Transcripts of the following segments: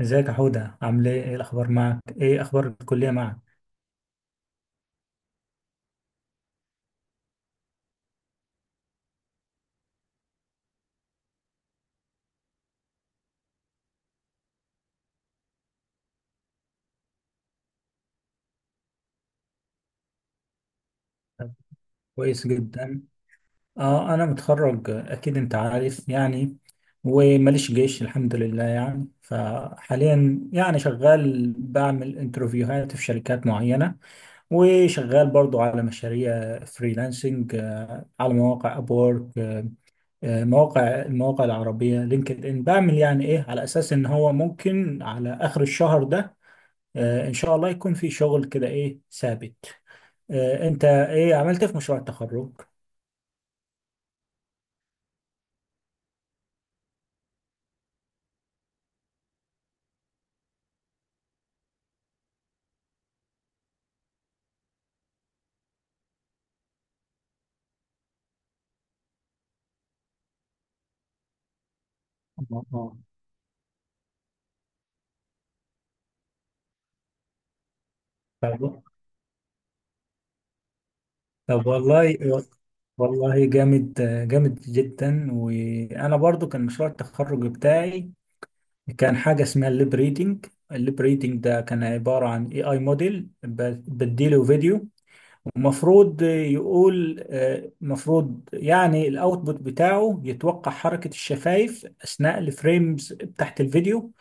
ازيك يا حودة، عامل ايه؟ ايه الاخبار معك؟ ايه اخبار الكلية معك؟ كويس جدا. اه، انا متخرج، اكيد انت عارف يعني. وماليش جيش الحمد لله يعني، فحاليا يعني شغال، بعمل انترفيوهات في شركات معينة. وشغال برضو على مشاريع فريلانسنج، على مواقع ابورك، المواقع العربية لينكد ان. بعمل يعني ايه، على اساس ان هو ممكن على اخر الشهر ده ان شاء الله يكون في شغل كده ايه ثابت. انت ايه عملت إيه في مشروع التخرج؟ آه، آه. طب طب والله. والله، جامد، جامد جدا. وانا برضو كان مشروع التخرج بتاعي كان حاجه اسمها الليب ريدنج. الليب ريدنج ده كان عباره عن اي اي موديل بديله فيديو، ومفروض يقول، مفروض يعني الاوتبوت بتاعه يتوقع حركة الشفايف اثناء الفريمز تحت الفيديو،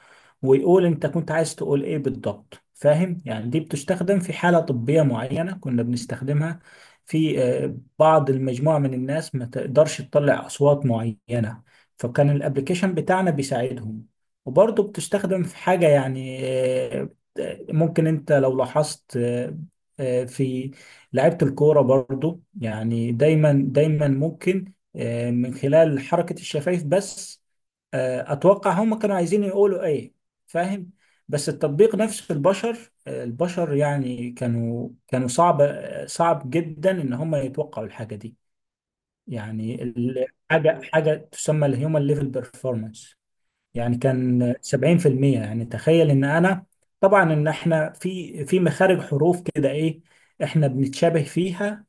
ويقول انت كنت عايز تقول ايه بالضبط، فاهم يعني؟ دي بتستخدم في حالة طبية معينة، كنا بنستخدمها في بعض المجموعة من الناس ما تقدرش تطلع اصوات معينة، فكان الابليكيشن بتاعنا بيساعدهم. وبرضه بتستخدم في حاجة يعني، ممكن انت لو لاحظت، في لعيبة الكورة برضو يعني، دايما دايما ممكن من خلال حركة الشفايف بس أتوقع هم كانوا عايزين يقولوا إيه. فاهم؟ بس التطبيق نفسه، البشر يعني كانوا صعب جدا إن هم يتوقعوا الحاجة دي. يعني حاجة تسمى الهيومن ليفل بيرفورمانس. يعني كان 70%، يعني تخيل إن أنا، طبعا إن إحنا في مخارج حروف كده إيه، إحنا بنتشابه فيها،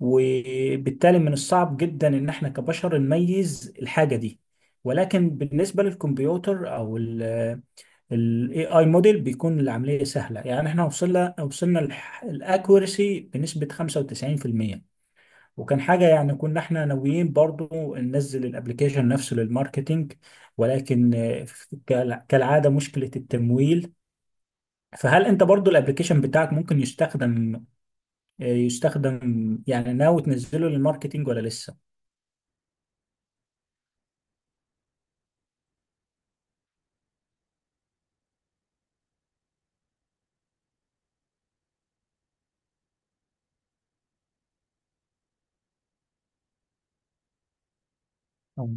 وبالتالي من الصعب جدا ان احنا كبشر نميز الحاجة دي. ولكن بالنسبة للكمبيوتر او ال AI موديل بيكون العملية سهلة. يعني احنا وصلنا الاكوريسي بنسبة 95%. وكان حاجة يعني كنا احنا ناويين برضو ننزل الابليكيشن نفسه للماركتينج، ولكن كالعادة مشكلة التمويل. فهل انت برضو الابليكيشن بتاعك ممكن يستخدم يعني، ناوي تنزله للماركتينج ولا لسه؟ أه.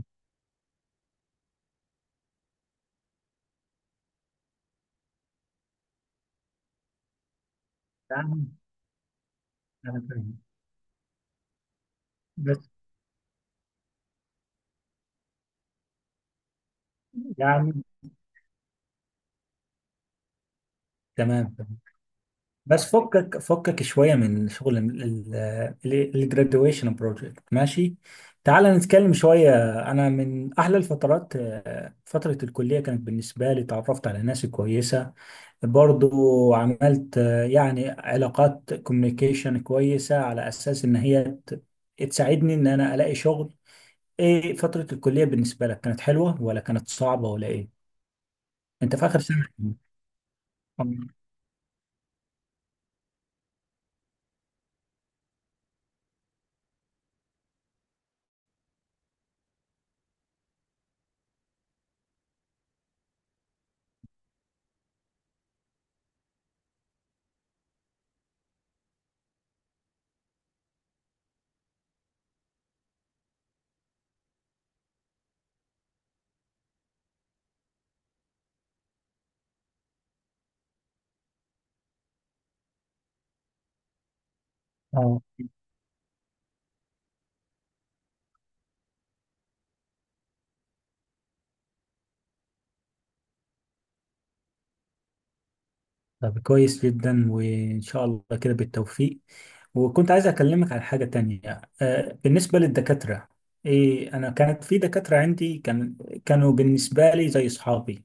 فاهم. أنا فاهم. بس يعني، تمام، تمام. بس فكك شوية من شغل الجراديويشن بروجكت، ماشي؟ تعال نتكلم شوية. أنا من أحلى الفترات، فترة الكلية كانت بالنسبة لي، تعرفت على ناس كويسة، برضو عملت يعني علاقات كوميونيكيشن كويسة، على أساس إن هي تساعدني إن أنا ألاقي شغل. إيه، فترة الكلية بالنسبة لك كانت حلوة ولا كانت صعبة ولا إيه؟ أنت في آخر سنة. أم- اه. طب كويس جدا، وان شاء الله كده بالتوفيق. وكنت عايز اكلمك على حاجة تانية. بالنسبة للدكاترة، ايه، انا كانت في دكاترة عندي كانوا بالنسبة لي زي اصحابي.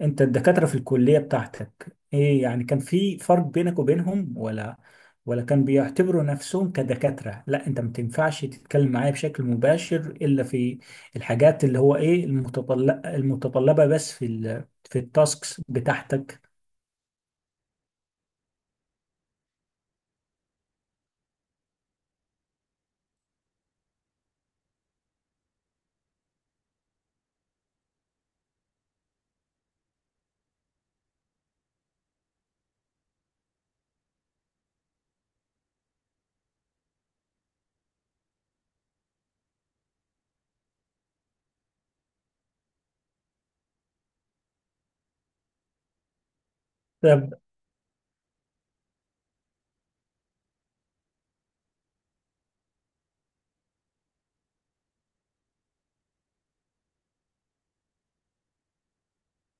انت الدكاترة في الكلية بتاعتك ايه يعني، كان في فرق بينك وبينهم، ولا كان بيعتبروا نفسهم كدكاترة، لا انت ما تنفعش تتكلم معايا بشكل مباشر الا في الحاجات اللي هو ايه، المتطلبة بس، في التاسكس بتاعتك؟ طب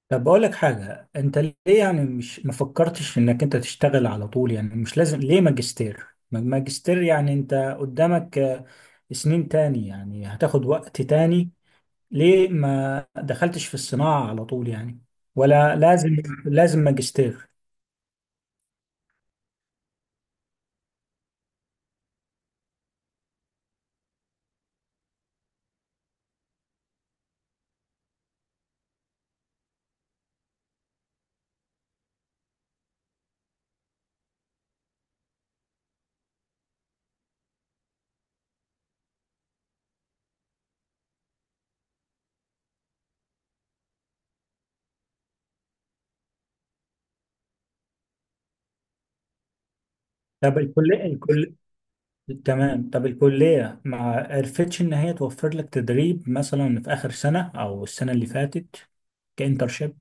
طب اقول لك حاجه، انت ليه يعني مش ما فكرتش انك انت تشتغل على طول؟ يعني مش لازم ليه ماجستير، ماجستير يعني. انت قدامك سنين تاني، يعني هتاخد وقت تاني. ليه ما دخلتش في الصناعه على طول يعني؟ ولا لازم ماجستير؟ طب الكليه تمام، طب الكليه ما عرفتش ان هي توفر لك تدريب مثلا في اخر سنه او السنه اللي فاتت؟ كانترشيب.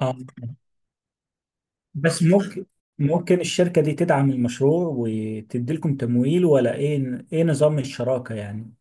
اه. بس ممكن الشركة دي تدعم المشروع وتدي لكم تمويل؟ ولا ايه، ايه نظام الشراكة يعني؟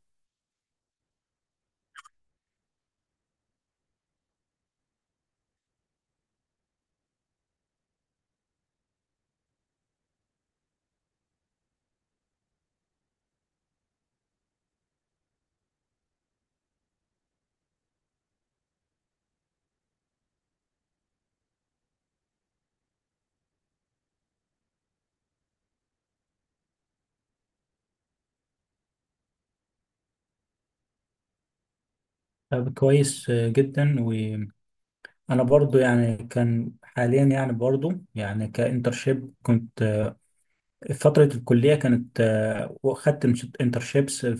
طب كويس جدا. وانا برضو يعني، كان حاليا يعني برضو يعني كانترشيب، كنت فترة الكلية كانت، وخدت انترشيبس في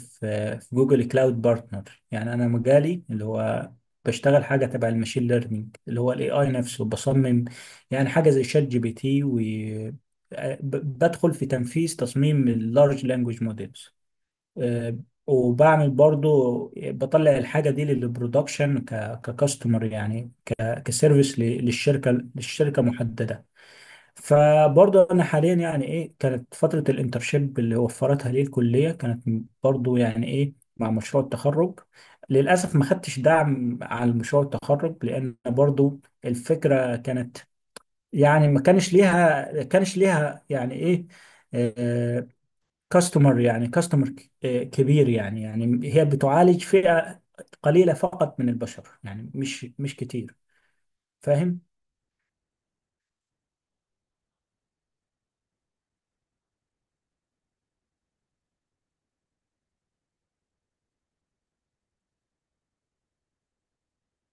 في جوجل كلاود بارتنر. يعني أنا مجالي اللي هو بشتغل حاجة تبع الماشين ليرنينج، اللي هو الاي اي نفسه بصمم. يعني حاجة زي شات جي بي تي، وبدخل في تنفيذ تصميم اللارج لانجوج موديلز. وبعمل برضو بطلع الحاجة دي للبرودكشن، ككاستمر يعني، كسيرفيس للشركة محددة. فبرضه انا حاليا يعني ايه، كانت فتره الانترشيب اللي وفرتها لي الكليه، كانت برضه يعني ايه مع مشروع التخرج، للاسف ما خدتش دعم على مشروع التخرج، لان برضه الفكره كانت يعني ما كانش ليها يعني ايه كاستمر، كبير يعني هي بتعالج فئه قليله فقط من البشر، يعني مش كتير. فاهم؟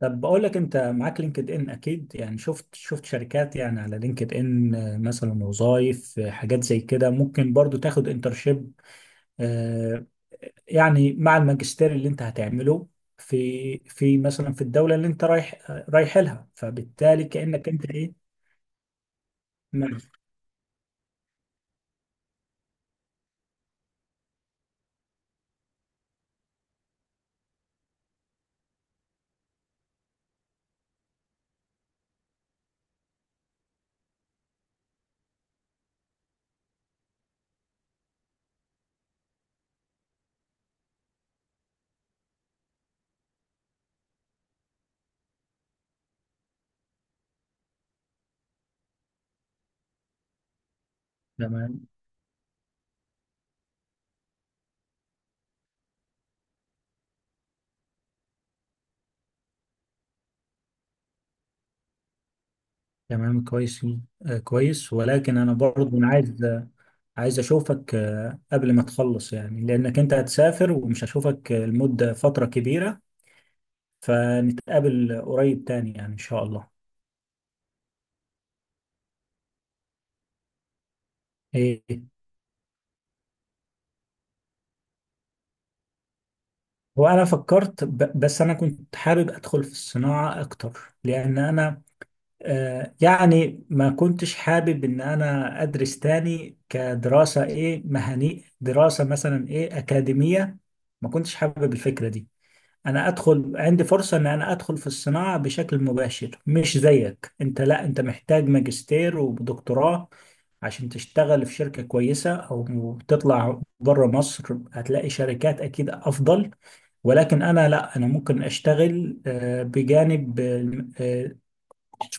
طب بقول لك، انت معاك لينكد ان اكيد، يعني شفت شركات يعني على لينكد ان، مثلا وظائف حاجات زي كده، ممكن برضو تاخد انترشيب يعني مع الماجستير اللي انت هتعمله في مثلا في الدولة اللي انت رايح لها، فبالتالي كأنك انت ايه، مع- تمام، تمام، كويس. ولكن انا برضو، عايز اشوفك قبل ما تخلص يعني، لانك انت هتسافر ومش هشوفك فترة كبيرة. فنتقابل قريب تاني يعني إن شاء الله. إيه. وأنا فكرت بس أنا كنت حابب أدخل في الصناعة أكتر، لأن أنا يعني ما كنتش حابب إن أنا أدرس تاني، كدراسة إيه مهني، دراسة مثلا إيه أكاديمية. ما كنتش حابب الفكرة دي. انا ادخل عندي فرصة ان انا ادخل في الصناعة بشكل مباشر. مش زيك انت، لا، انت محتاج ماجستير ودكتوراه عشان تشتغل في شركة كويسة، او تطلع بره مصر هتلاقي شركات اكيد افضل. ولكن انا، لا، انا ممكن اشتغل، آه،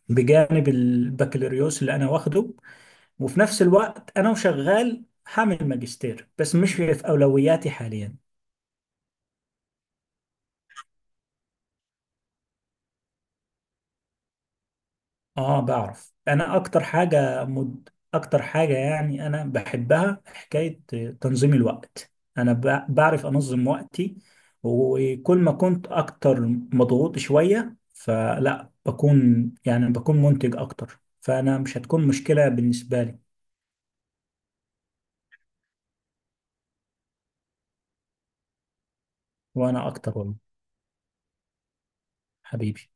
بجانب البكالوريوس اللي انا واخده، وفي نفس الوقت انا وشغال. هعمل ماجستير بس مش في اولوياتي حاليا. اه بعرف. انا اكتر حاجة يعني انا بحبها، حكاية تنظيم الوقت. انا بعرف انظم وقتي. وكل ما كنت اكتر مضغوط شوية، فلا بكون منتج اكتر، فانا مش هتكون مشكلة بالنسبة لي. وانا اكتر والله. حبيبي.